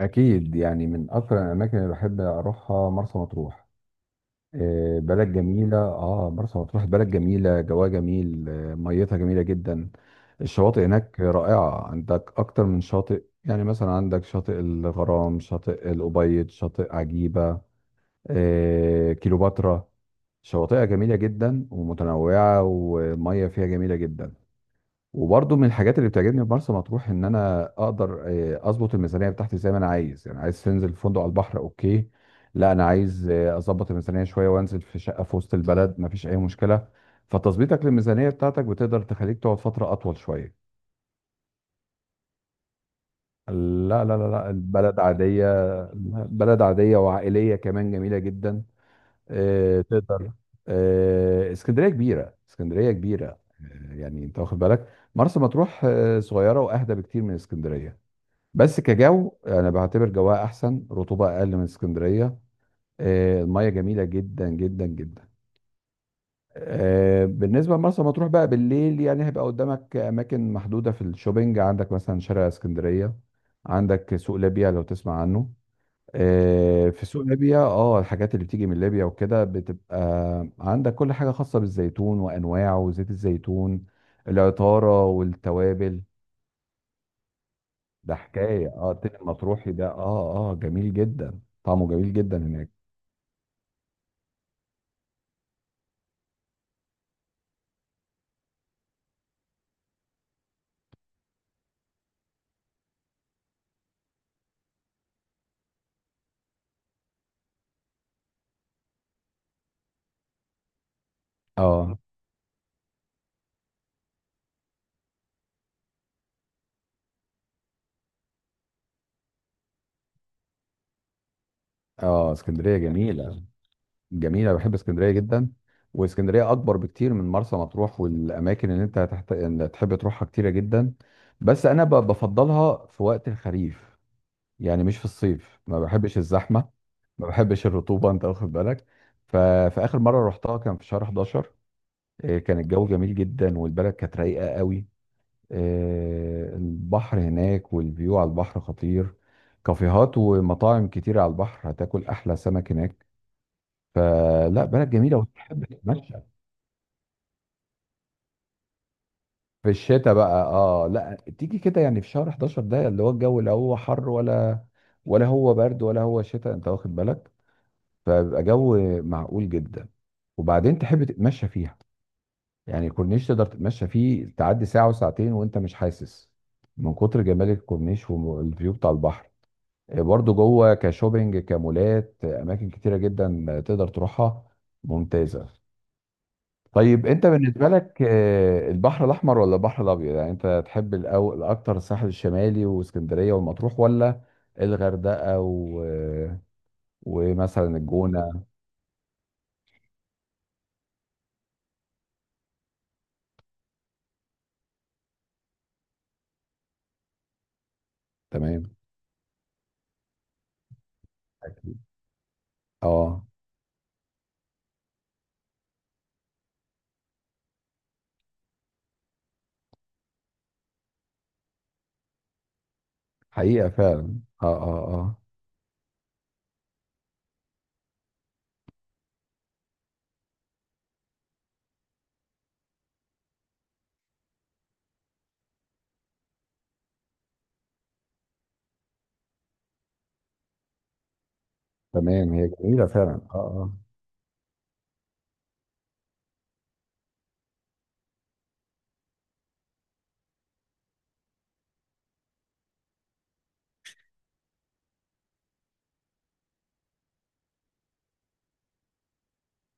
أكيد يعني من أكثر الأماكن اللي بحب أروحها مرسى مطروح. بلد جميلة. مرسى مطروح بلد جميلة جواها جميل، ميتها جميلة جدا. الشواطئ هناك رائعة، عندك أكتر من شاطئ، يعني مثلا عندك شاطئ الغرام، شاطئ الأبيض، شاطئ عجيبة، كيلوباترا. شواطئها جميلة جدا ومتنوعة، والمية فيها جميلة جدا. وبرضه من الحاجات اللي بتعجبني في مرسى مطروح ان انا اقدر اظبط الميزانيه بتاعتي زي ما انا عايز، يعني عايز تنزل فندق على البحر اوكي، لا انا عايز اظبط الميزانيه شويه وانزل في شقه في وسط البلد، مفيش اي مشكله. فتظبيطك للميزانيه بتاعتك بتقدر تخليك تقعد فتره اطول شويه. لا لا لا لا، البلد عاديه. بلد عاديه وعائليه كمان، جميله جدا. آه، تقدر آه، اسكندريه كبيره، اسكندريه كبيره، يعني انت واخد بالك. مرسى مطروح صغيره واهدى بكتير من اسكندريه. بس كجو انا بعتبر جواها احسن، رطوبه اقل من اسكندريه. الميه جميله جدا جدا جدا. بالنسبه لمرسى مطروح بقى بالليل، يعني هيبقى قدامك اماكن محدوده في الشوبينج، عندك مثلا شارع اسكندريه، عندك سوق ليبيا لو تسمع عنه. في سوق ليبيا الحاجات اللي بتيجي من ليبيا وكده بتبقى عندك، كل حاجه خاصه بالزيتون وانواعه وزيت الزيتون، العطاره والتوابل. ده حكاية التاني المطروحي ده، جميل جدا، طعمه جميل جدا هناك. اه اه اسكندرية جميلة، جميلة، بحب اسكندرية جدا. واسكندرية أكبر بكتير من مرسى مطروح، والأماكن اللي أنت هتحت... إن تحب تروحها كتيرة جدا. بس أنا بفضلها في وقت الخريف، يعني مش في الصيف، ما بحبش الزحمة، ما بحبش الرطوبة، أنت واخد بالك؟ ف... فآخر مرة رحتها كان في شهر 11. كان الجو جميل جدا والبلد كانت رايقة قوي. البحر هناك والفيو على البحر خطير. كافيهات ومطاعم كتير على البحر، هتاكل احلى سمك هناك. فلا، بلد جميله وتحب تتمشى. في الشتاء بقى لا، تيجي كده يعني في شهر 11 ده، اللي هو الجو لا هو حر ولا، ولا هو برد، ولا هو شتاء، انت واخد بالك؟ فبيبقى جو معقول جدا، وبعدين تحب تتمشى فيها. يعني الكورنيش تقدر تتمشى فيه، تعدي ساعه وساعتين وانت مش حاسس، من كتر جمال الكورنيش والفيو بتاع البحر. برضو جوه كشوبينج، كمولات، اماكن كتيره جدا تقدر تروحها، ممتازه. طيب انت بالنسبه لك، البحر الاحمر ولا البحر الابيض؟ يعني انت تحب الاكتر الساحل الشمالي واسكندريه والمطروح، ولا الغردقه ومثلا الجونه؟ تمام. أكيد. اه. حقيقه فعلا. اه اه اه. تمام، هي جميله فعلا. اه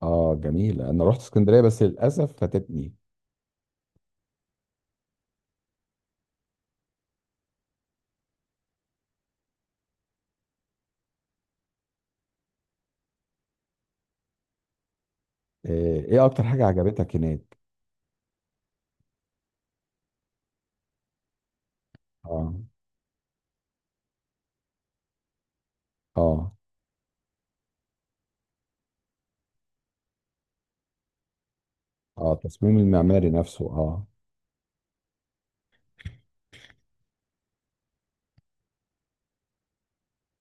اه اه، جميله. انا رحت اسكندريه بس للاسف فاتتني. آه، ايه اكتر حاجه عجبتك هناك؟ اه اه اه. التصميم المعماري نفسه، اه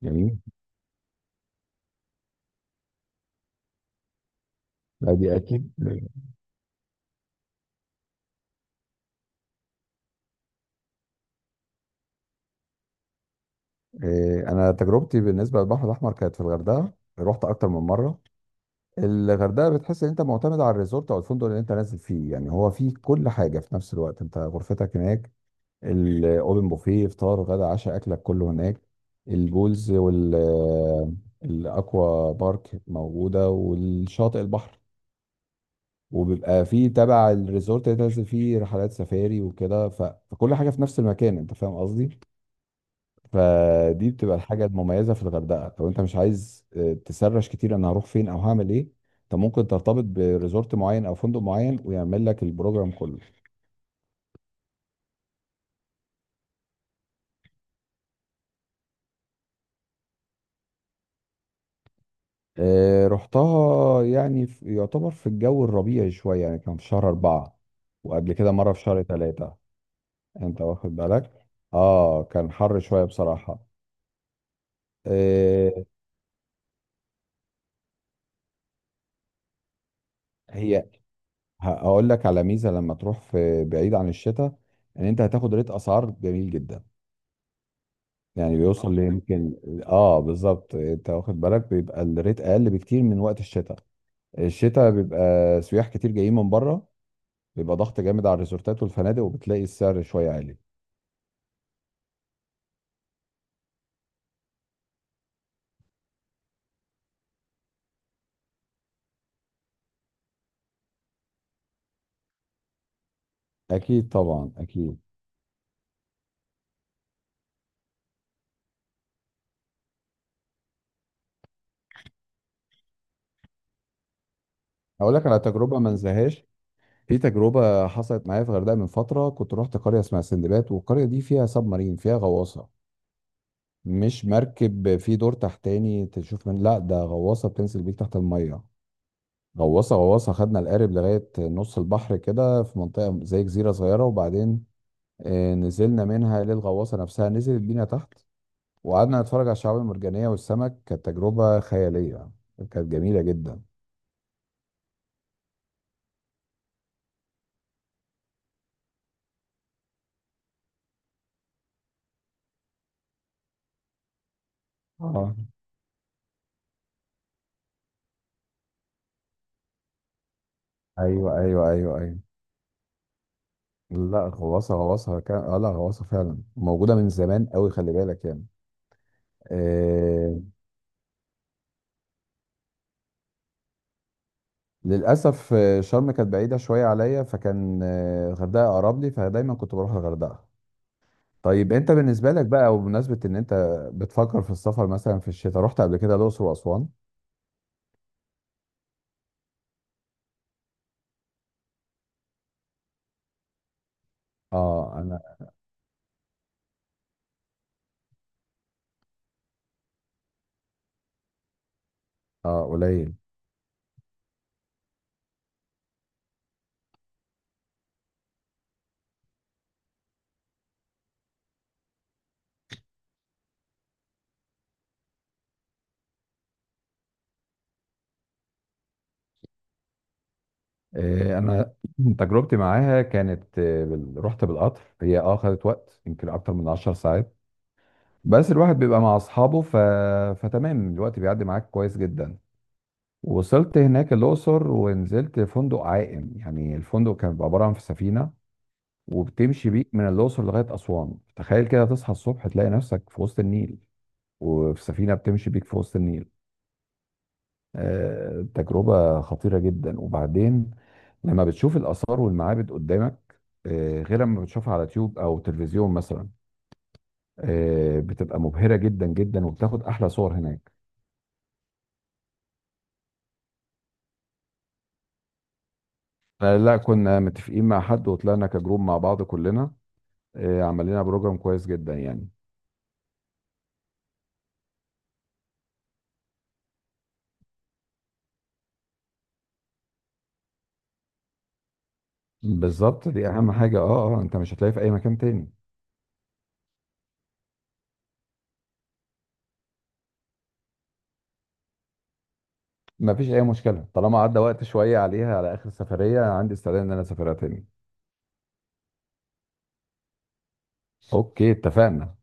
جميل. لا، دي اكيد. انا تجربتي بالنسبه للبحر الاحمر كانت في الغردقه. رحت اكتر من مره. الغردقه بتحس ان انت معتمد على الريزورت او الفندق اللي انت نازل فيه، يعني هو فيه كل حاجه في نفس الوقت، انت غرفتك هناك، الاوبن بوفيه، فطار غدا عشاء، اكلك كله هناك. البولز وال آه، الاكوا بارك موجوده، والشاطئ، البحر. وبيبقى فيه تبع الريزورت اللي أنت نازل فيه رحلات سفاري وكده. فكل حاجه في نفس المكان، انت فاهم قصدي. فدي بتبقى الحاجه المميزه في الغردقه، لو انت مش عايز تسرش كتير انا هروح فين او هعمل ايه، انت ممكن ترتبط بريزورت معين او فندق معين ويعمل لك البروجرام كله. رحتها يعني في، يعتبر في الجو الربيعي شويه، يعني كان في شهر 4، وقبل كده مره في شهر 3. انت واخد بالك، اه كان حر شويه بصراحه. آه، هي هقول لك على ميزه، لما تروح في بعيد عن الشتاء، ان انت هتاخد ريت اسعار جميل جدا. يعني بيوصل ليمكن، اه بالظبط، انت واخد بالك، بيبقى الريت اقل بكتير من وقت الشتاء. الشتاء بيبقى سياح كتير جايين من بره، بيبقى ضغط جامد على الريزورتات والفنادق، وبتلاقي السعر شويه عالي. اكيد طبعا، اكيد. هقول لك على تجربه ما انساهاش. في تجربه حصلت معايا في الغردقه من فتره، كنت رحت قريه اسمها سندباد، والقريه دي فيها سب مارين، فيها غواصه، مش مركب في دور تحتاني تشوف من، لا ده غواصه بتنزل بيك تحت الميه، غواصه غواصه. خدنا القارب لغايه نص البحر كده في منطقه زي جزيره صغيره، وبعدين نزلنا منها للغواصه نفسها، نزلت بينا تحت، وقعدنا نتفرج على الشعاب المرجانيه والسمك. كانت تجربه خياليه، كانت جميله جدا. اه، ايوه ايوه ايوه ايوه. لا، غواصه غواصه كان، لا، غواصه فعلا موجوده من زمان قوي، خلي بالك يعني. آه، للاسف شرم كانت بعيده شويه عليا، فكان الغردقه اقرب لي، فدايما كنت بروح الغردقه. طيب انت بالنسبه لك بقى، وبمناسبه ان انت بتفكر في السفر مثلا في الشتاء، رحت قبل كده الاقصر واسوان؟ اه انا، اه قليل. انا تجربتي معاها كانت، رحت بالقطر، هي خدت وقت يمكن اكتر من 10 ساعات، بس الواحد بيبقى مع اصحابه. فتمام، الوقت بيعدي معاك كويس جدا. وصلت هناك الاقصر، ونزلت فندق عائم، يعني الفندق كان بيبقى عباره عن في سفينه، وبتمشي بيك من الأقصر لغاية أسوان. تخيل كده تصحى الصبح تلاقي نفسك في وسط النيل، وفي سفينة بتمشي بيك في وسط النيل. تجربة خطيرة جدا. وبعدين لما بتشوف الآثار والمعابد قدامك، غير لما بتشوفها على تيوب أو تلفزيون مثلا، بتبقى مبهرة جدا جدا، وبتاخد أحلى صور هناك. فلا، كنا متفقين مع حد وطلعنا كجروب مع بعض كلنا، عمل لنا بروجرام كويس جدا يعني. بالظبط، دي أهم حاجة، اه اه، انت مش هتلاقيه في أي مكان تاني. ما فيش اي مشكله، طالما عدى وقت شويه عليها، على اخر السفريه أنا عندي استعداد ان انا اسافرها تاني. اوكي، اتفقنا.